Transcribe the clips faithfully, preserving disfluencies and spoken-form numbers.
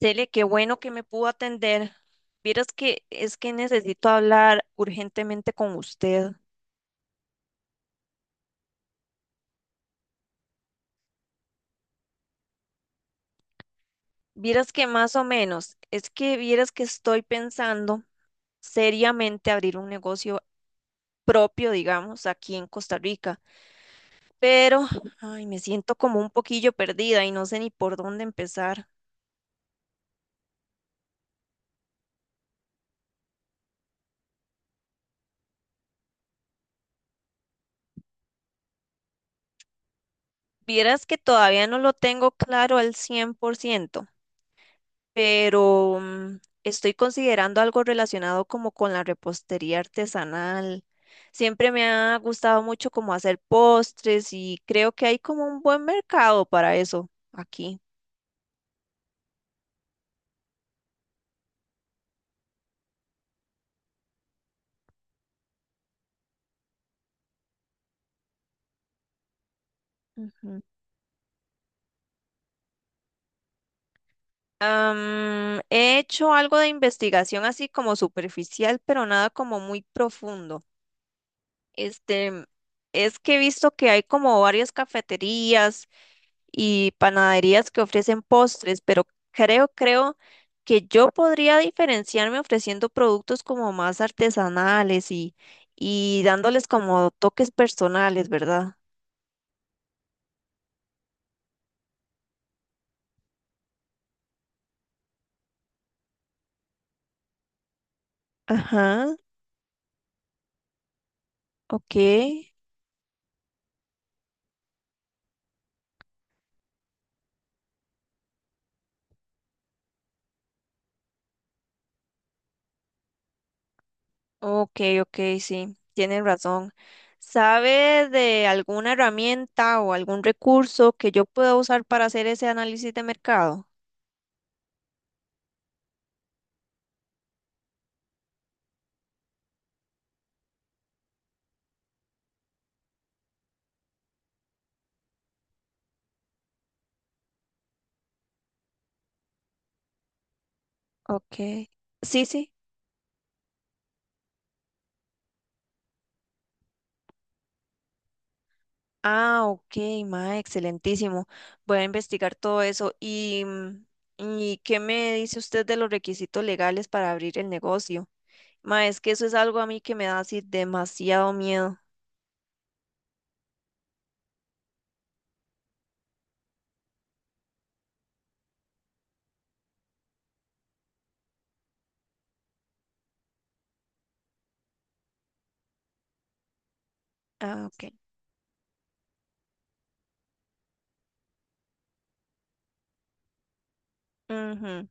Cele, qué bueno que me pudo atender. Vieras que es que necesito hablar urgentemente con usted. Vieras que más o menos, es que vieras que estoy pensando seriamente abrir un negocio propio, digamos, aquí en Costa Rica, pero ay, me siento como un poquillo perdida y no sé ni por dónde empezar. Vieras que todavía no lo tengo claro al cien por ciento. Pero mm, estoy considerando algo relacionado como con la repostería artesanal. Siempre me ha gustado mucho como hacer postres y creo que hay como un buen mercado para eso aquí. Ujú. Am, he hecho algo de investigación así como superficial, pero nada como muy profundo. Este, es que he visto que hay como varias cafeterías y panaderías que ofrecen postres, pero creo, creo que yo podría diferenciarme ofreciendo productos como más artesanales y, y dándoles como toques personales, ¿verdad? Ajá, ok, ok, ok, sí, tienen razón. ¿Sabe de alguna herramienta o algún recurso que yo pueda usar para hacer ese análisis de mercado? Ok, sí, sí. Ah, ok, ma, excelentísimo. Voy a investigar todo eso. ¿Y, mm, y qué me dice usted de los requisitos legales para abrir el negocio? Ma, es que eso es algo a mí que me da así demasiado miedo. Ah, ok. Ujú.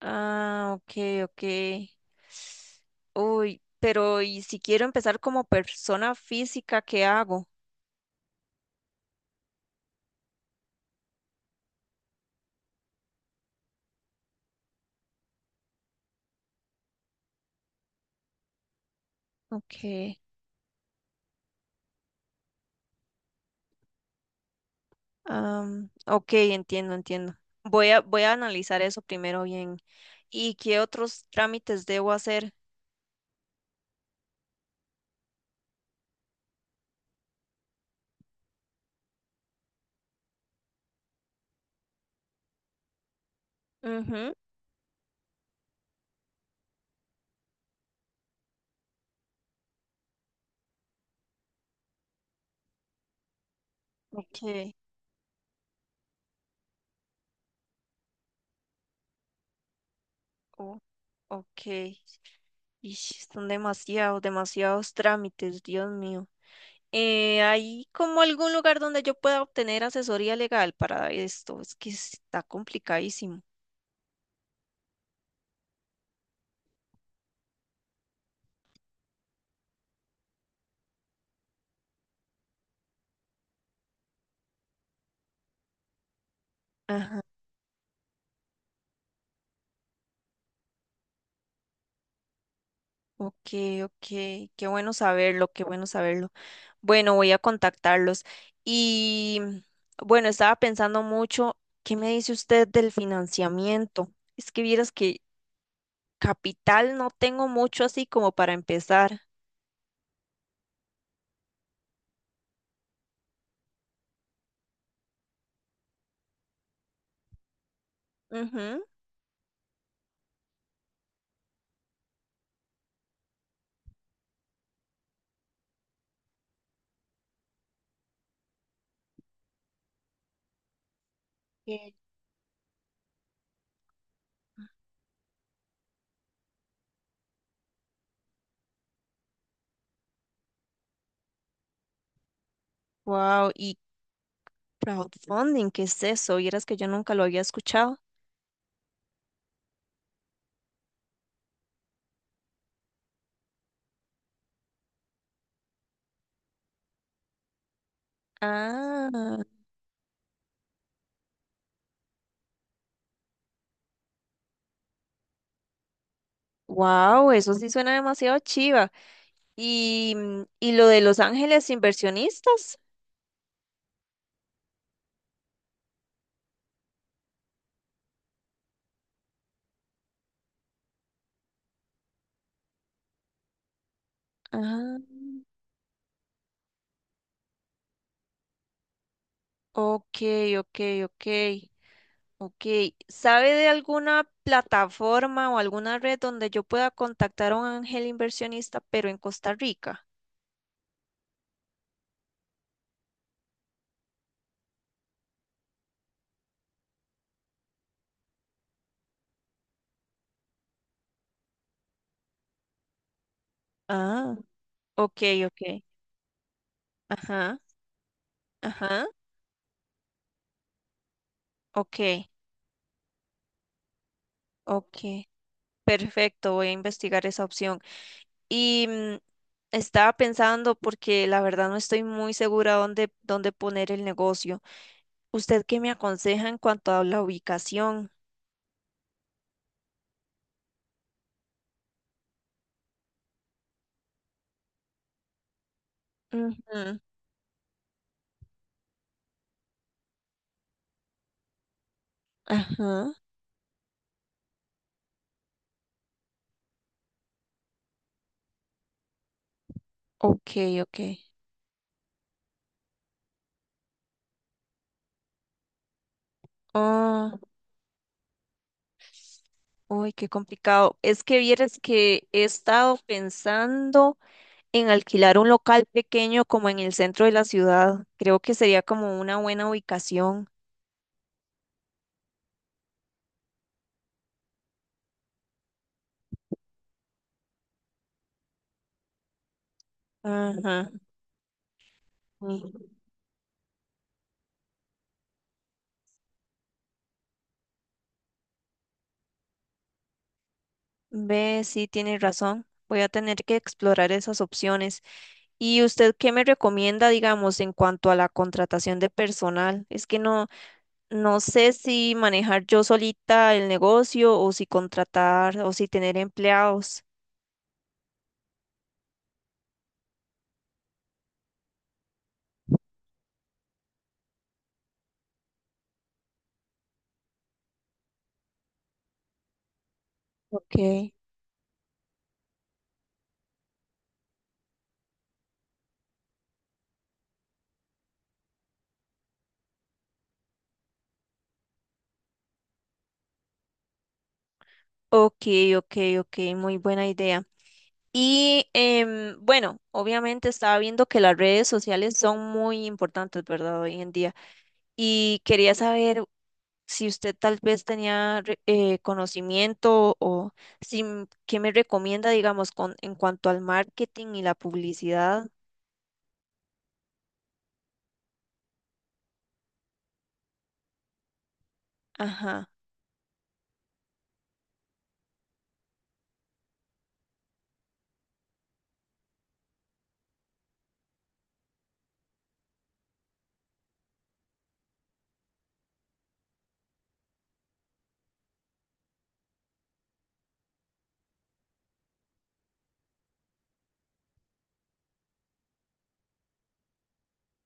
Ah, ok, ok. Uy, pero ¿y si quiero empezar como persona física, qué hago? Ok. Am, ok, entiendo, entiendo. Voy a, voy a analizar eso primero bien. ¿Y qué otros trámites debo hacer? Ujú. Ok, oh, ok. Y son demasiados, demasiados trámites, Dios mío. Eh, ¿hay como algún lugar donde yo pueda obtener asesoría legal para esto? Es que está complicadísimo. Ajá, ok, ok. Qué bueno saberlo, qué bueno saberlo. Bueno, voy a contactarlos. Y bueno, estaba pensando mucho. ¿Qué me dice usted del financiamiento? Es que vieras que capital no tengo mucho así como para empezar. Ujú. Eh, Wow, y crowdfunding, ¿qué es eso? Vieras que yo nunca lo había escuchado. Ah, wow, eso sí suena demasiado chiva. Y, mm, y lo de Los Ángeles Inversionistas. Ah, ok, ok, ok, ok. ¿Sabe de alguna plataforma o alguna red donde yo pueda contactar a un ángel inversionista, pero en Costa Rica? Ah, ok, ok. Ajá. Ajá, ok, ok, perfecto, voy a investigar esa opción. Y mm, estaba pensando, porque la verdad no estoy muy segura dónde, dónde poner el negocio. ¿Usted qué me aconseja en cuanto a la ubicación? Ujú, ajá, ok, ok. Ah, uy, qué complicado. Es que vieras que he estado pensando en alquilar un local pequeño como en el centro de la ciudad. Creo que sería como una buena ubicación. Ajá. Ve, sí, tiene razón. Voy a tener que explorar esas opciones. ¿Y usted qué me recomienda, digamos, en cuanto a la contratación de personal? Es que no, no sé si manejar yo solita el negocio o si contratar o si tener empleados. Ok. Ok, ok, ok, muy buena idea. Y em, bueno, obviamente estaba viendo que las redes sociales son muy importantes, ¿verdad? Hoy en día. Y quería saber si usted tal vez tenía re- eh, conocimiento o si, m- qué me recomienda, digamos, con, en cuanto al marketing y la publicidad. Ajá.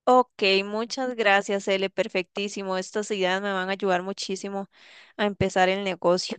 Ok, muchas gracias, ele perfectísimo. Estas ideas me van a ayudar muchísimo a empezar el negocio.